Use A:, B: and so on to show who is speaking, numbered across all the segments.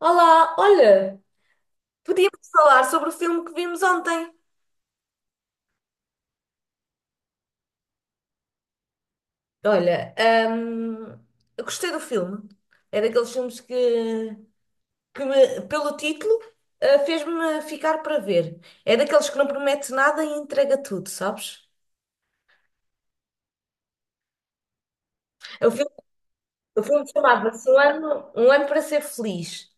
A: Olá, olha, podíamos falar sobre o filme que vimos ontem. Olha, hum, eu gostei do filme. É daqueles filmes que pelo título, fez-me ficar para ver. É daqueles que não promete nada e entrega tudo, sabes? O filme, o filme chamava-se Um Ano, Um Ano Para Ser Feliz.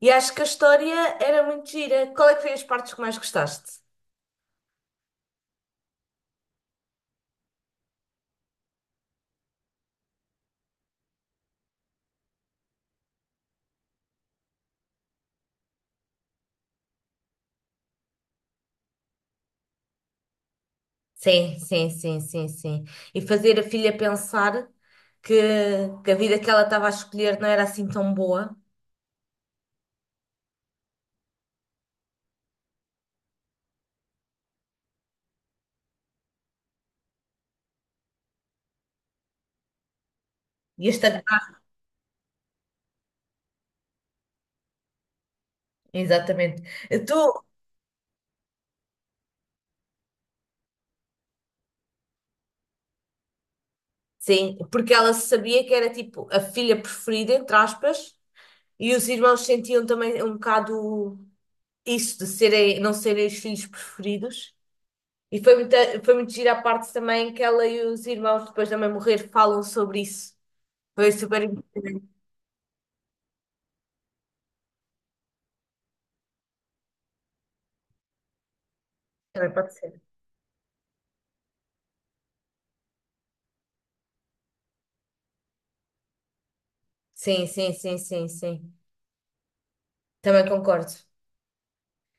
A: E acho que a história era muito gira. Qual é que foi as partes que mais gostaste? Sim, sim, sim, sim, sim. E fazer a filha pensar que, que a vida que ela estava a escolher não era assim tão boa. E esta... Exatamente. Tu... Sim, porque ela sabia que era tipo a filha preferida, entre aspas, e os irmãos sentiam também um bocado isso de não serem os filhos preferidos. E foi muito gira a parte também que ela e os irmãos, depois da mãe morrer, falam sobre isso. Foi super importante. Também pode ser. Sim, sim, sim, sim, sim. Também concordo.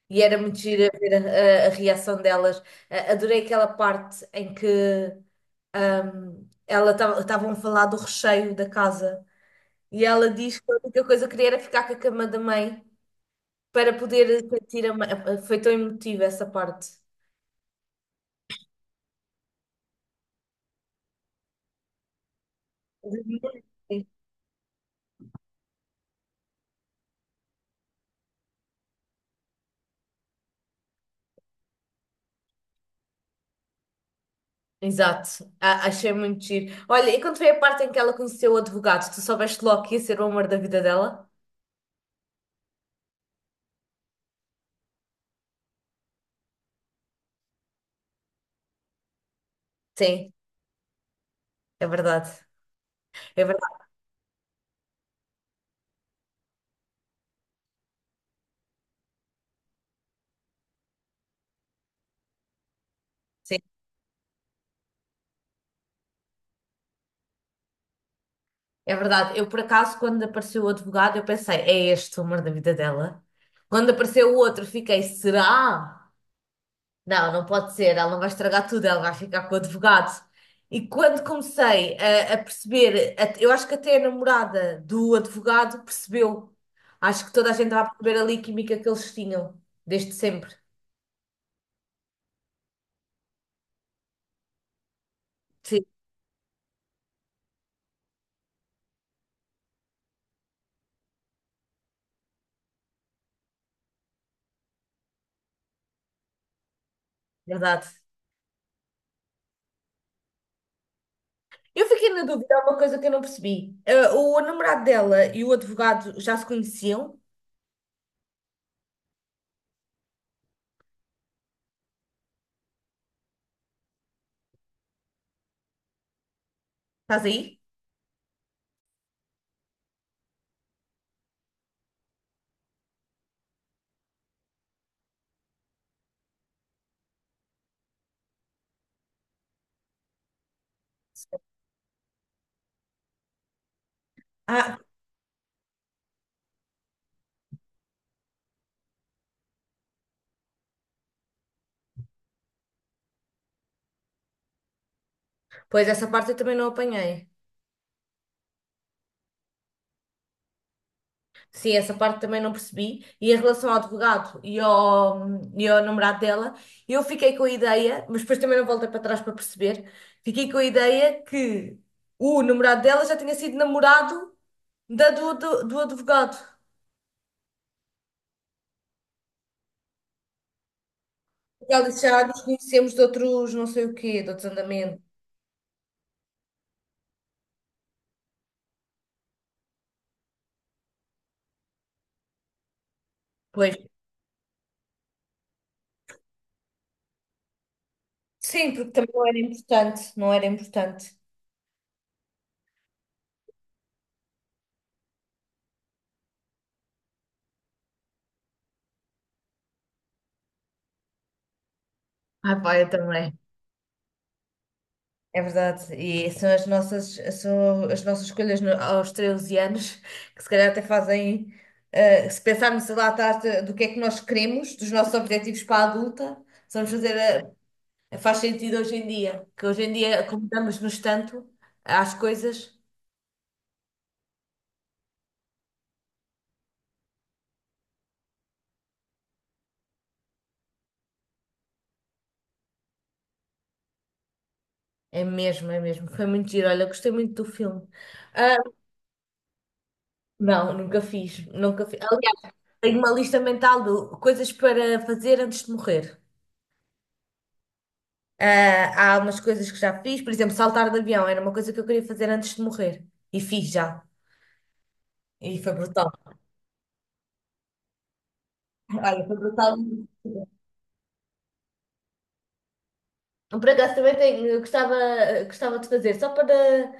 A: E era muito giro a ver a reação delas. A- adorei aquela parte em que ela estavam a falar do recheio da casa e ela diz que a única coisa que queria era ficar com a cama da mãe para poder sentir a mãe. Foi tão emotiva essa parte. Sim. Exato. A- achei muito giro. Olha, e quando foi a parte em que ela conheceu o advogado, tu soubeste logo que ia ser o amor da vida dela? Sim, é verdade. É verdade. É verdade. Eu, por acaso, quando apareceu o advogado, eu pensei, é este o amor da vida dela. Quando apareceu o outro, fiquei, será? Não, não pode ser. Ela não vai estragar tudo, ela vai ficar com o advogado. E quando comecei a perceber, a- eu acho que até a namorada do advogado percebeu. Acho que toda a gente estava a perceber ali a química que eles tinham, desde sempre. Sim, verdade. Eu fiquei na dúvida, há uma coisa que eu não percebi. O namorado dela e o advogado já se conheciam? Estás aí? Ah, pois essa parte eu também não apanhei. Sim, essa parte também não percebi. E em relação ao advogado e ao namorado dela, eu fiquei com a ideia, mas depois também não voltei para trás para perceber, fiquei com a ideia que o namorado dela já tinha sido namorado do advogado. Ela disse, já nos conhecemos de outros não sei o quê, de outros andamentos. Pois. Sim, porque também não era importante. Ah, pá, eu também. É verdade, e são as nossas escolhas no- aos 13 anos que se calhar até fazem, se pensarmos lá atrás de- do que é que nós queremos, dos nossos objetivos para a adulta, se vamos fazer, a- faz sentido hoje em dia, que hoje em dia acomodamos-nos tanto às coisas, é mesmo, foi muito giro, olha, gostei muito do filme. Ah, nunca fiz, aliás, tenho uma lista mental de coisas para fazer antes de morrer. Ah, há umas coisas que já fiz, por exemplo, saltar de avião era uma coisa que eu queria fazer antes de morrer e fiz já. E foi brutal. Olha, foi brutal. Por acaso também tenho, gostava de fazer, só para.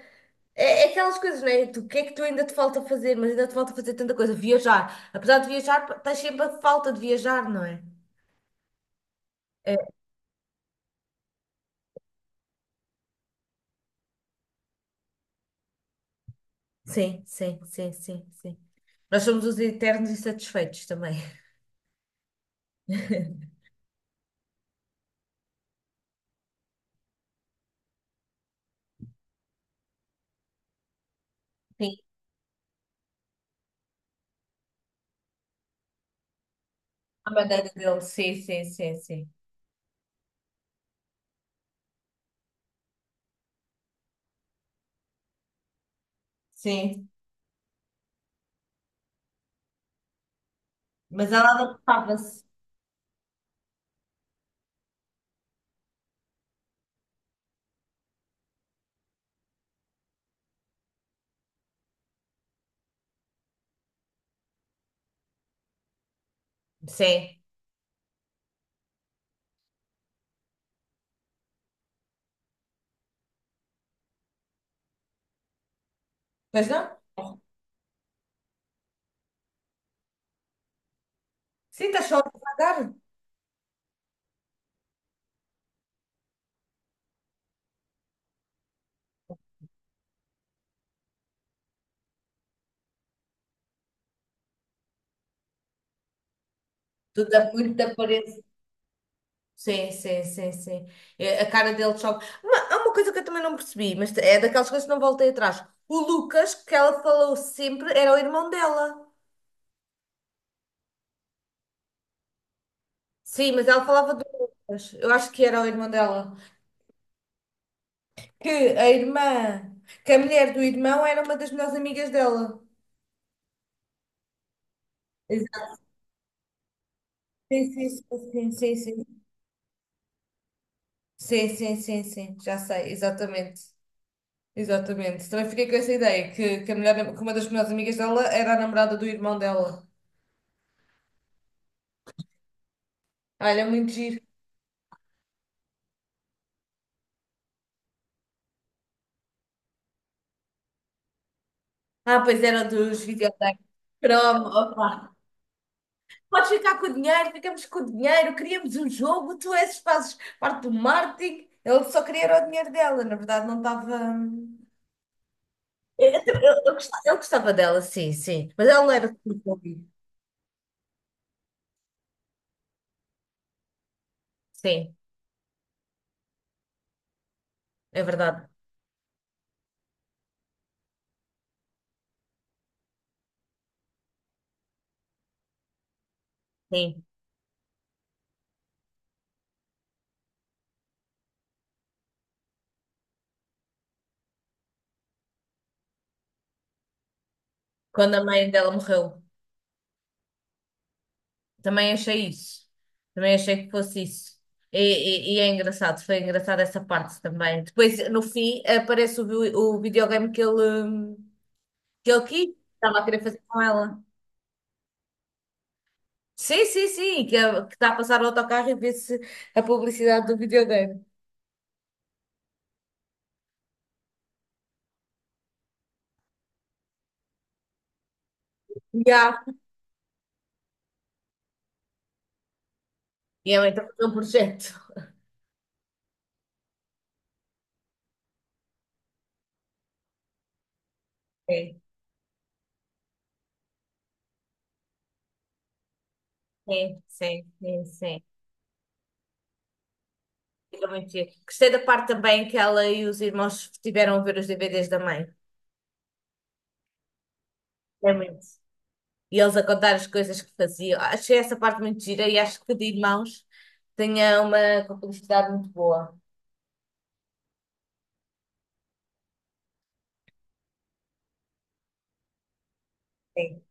A: É, é aquelas coisas, né? Tu, o que é que tu ainda te falta fazer? Mas ainda te falta fazer tanta coisa. Viajar. Apesar de viajar, estás sempre a falta de viajar, não é? É, sim, sim, sim, sim, sim. Nós somos os eternos insatisfeitos também. Sim, à maneira dele. Sim, sim, sim, sim. Sim. Mas ela adaptava-se. Sim. Pois não? Sim, estás só a devagar. Tudo a muito da parede. Sim, sim, sim, sim. É, a cara dele choca. Há uma coisa que eu também não percebi, mas é daquelas coisas que não voltei atrás. O Lucas, que ela falou sempre, era o irmão dela. Sim, mas ela falava do Lucas. Eu acho que era o irmão dela. Que a irmã, que a mulher do irmão era uma das melhores amigas dela. Exato. Sim, sim, sim, sim, sim, sim. Sim, sim, sim, sim. Já sei, exatamente. Exatamente. Também fiquei com essa ideia, a melhor, que uma das melhores amigas dela era a namorada do irmão dela. Olha, muito giro. Ah, pois era dos videogames. Cromo, opa. Podes ficar com o dinheiro, ficamos com o dinheiro, queríamos um jogo, fazes parte do marketing. Ele só queria era o dinheiro dela, na verdade não estava. Eu gostava dela, sim, sim. Mas ela não era super fofinha. Sim, é verdade. Sim. Quando a mãe dela morreu. Também achei isso. Também achei que fosse isso. E é engraçado, foi engraçado essa parte também. Depois, no fim, aparece o, vi- o videogame que ele quis, estava a querer fazer com ela. Sim, sim, sim, que, é- que está a passar o autocarro e vê-se a publicidade do videogame. Já. E é então é um projeto. Sim, sim, sim, sim, sim. Fica muito giro. Gostei da parte também que ela e os irmãos tiveram a ver os DVDs da mãe. É muito. E eles a contar as coisas que faziam. Achei essa parte muito gira e acho que de irmãos tinha uma complicidade muito boa. Sim.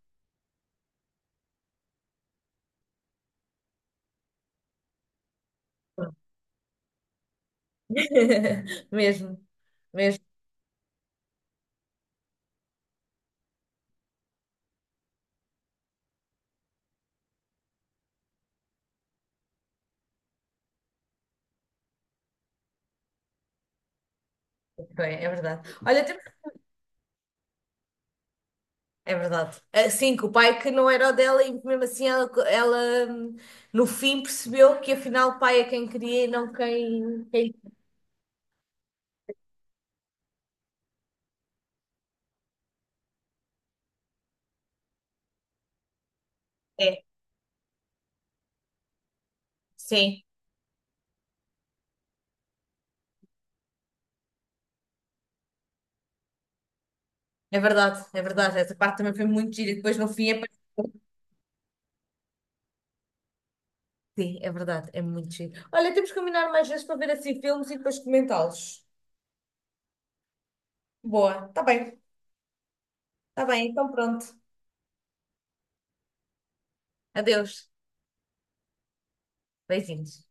A: Mesmo, mesmo, bem, é verdade. Olha, temos- é verdade. Assim que o pai que não era o dela e mesmo assim ela, hum, no fim percebeu que afinal o pai é quem queria e não quem é. Sim, é verdade, é verdade. Essa parte também foi muito gira e depois no fim é. Sim, é verdade, é muito giro. Olha, temos que combinar mais vezes para ver assim filmes e depois comentá-los. Boa, tá bem, então pronto. Adeus, beijinhos.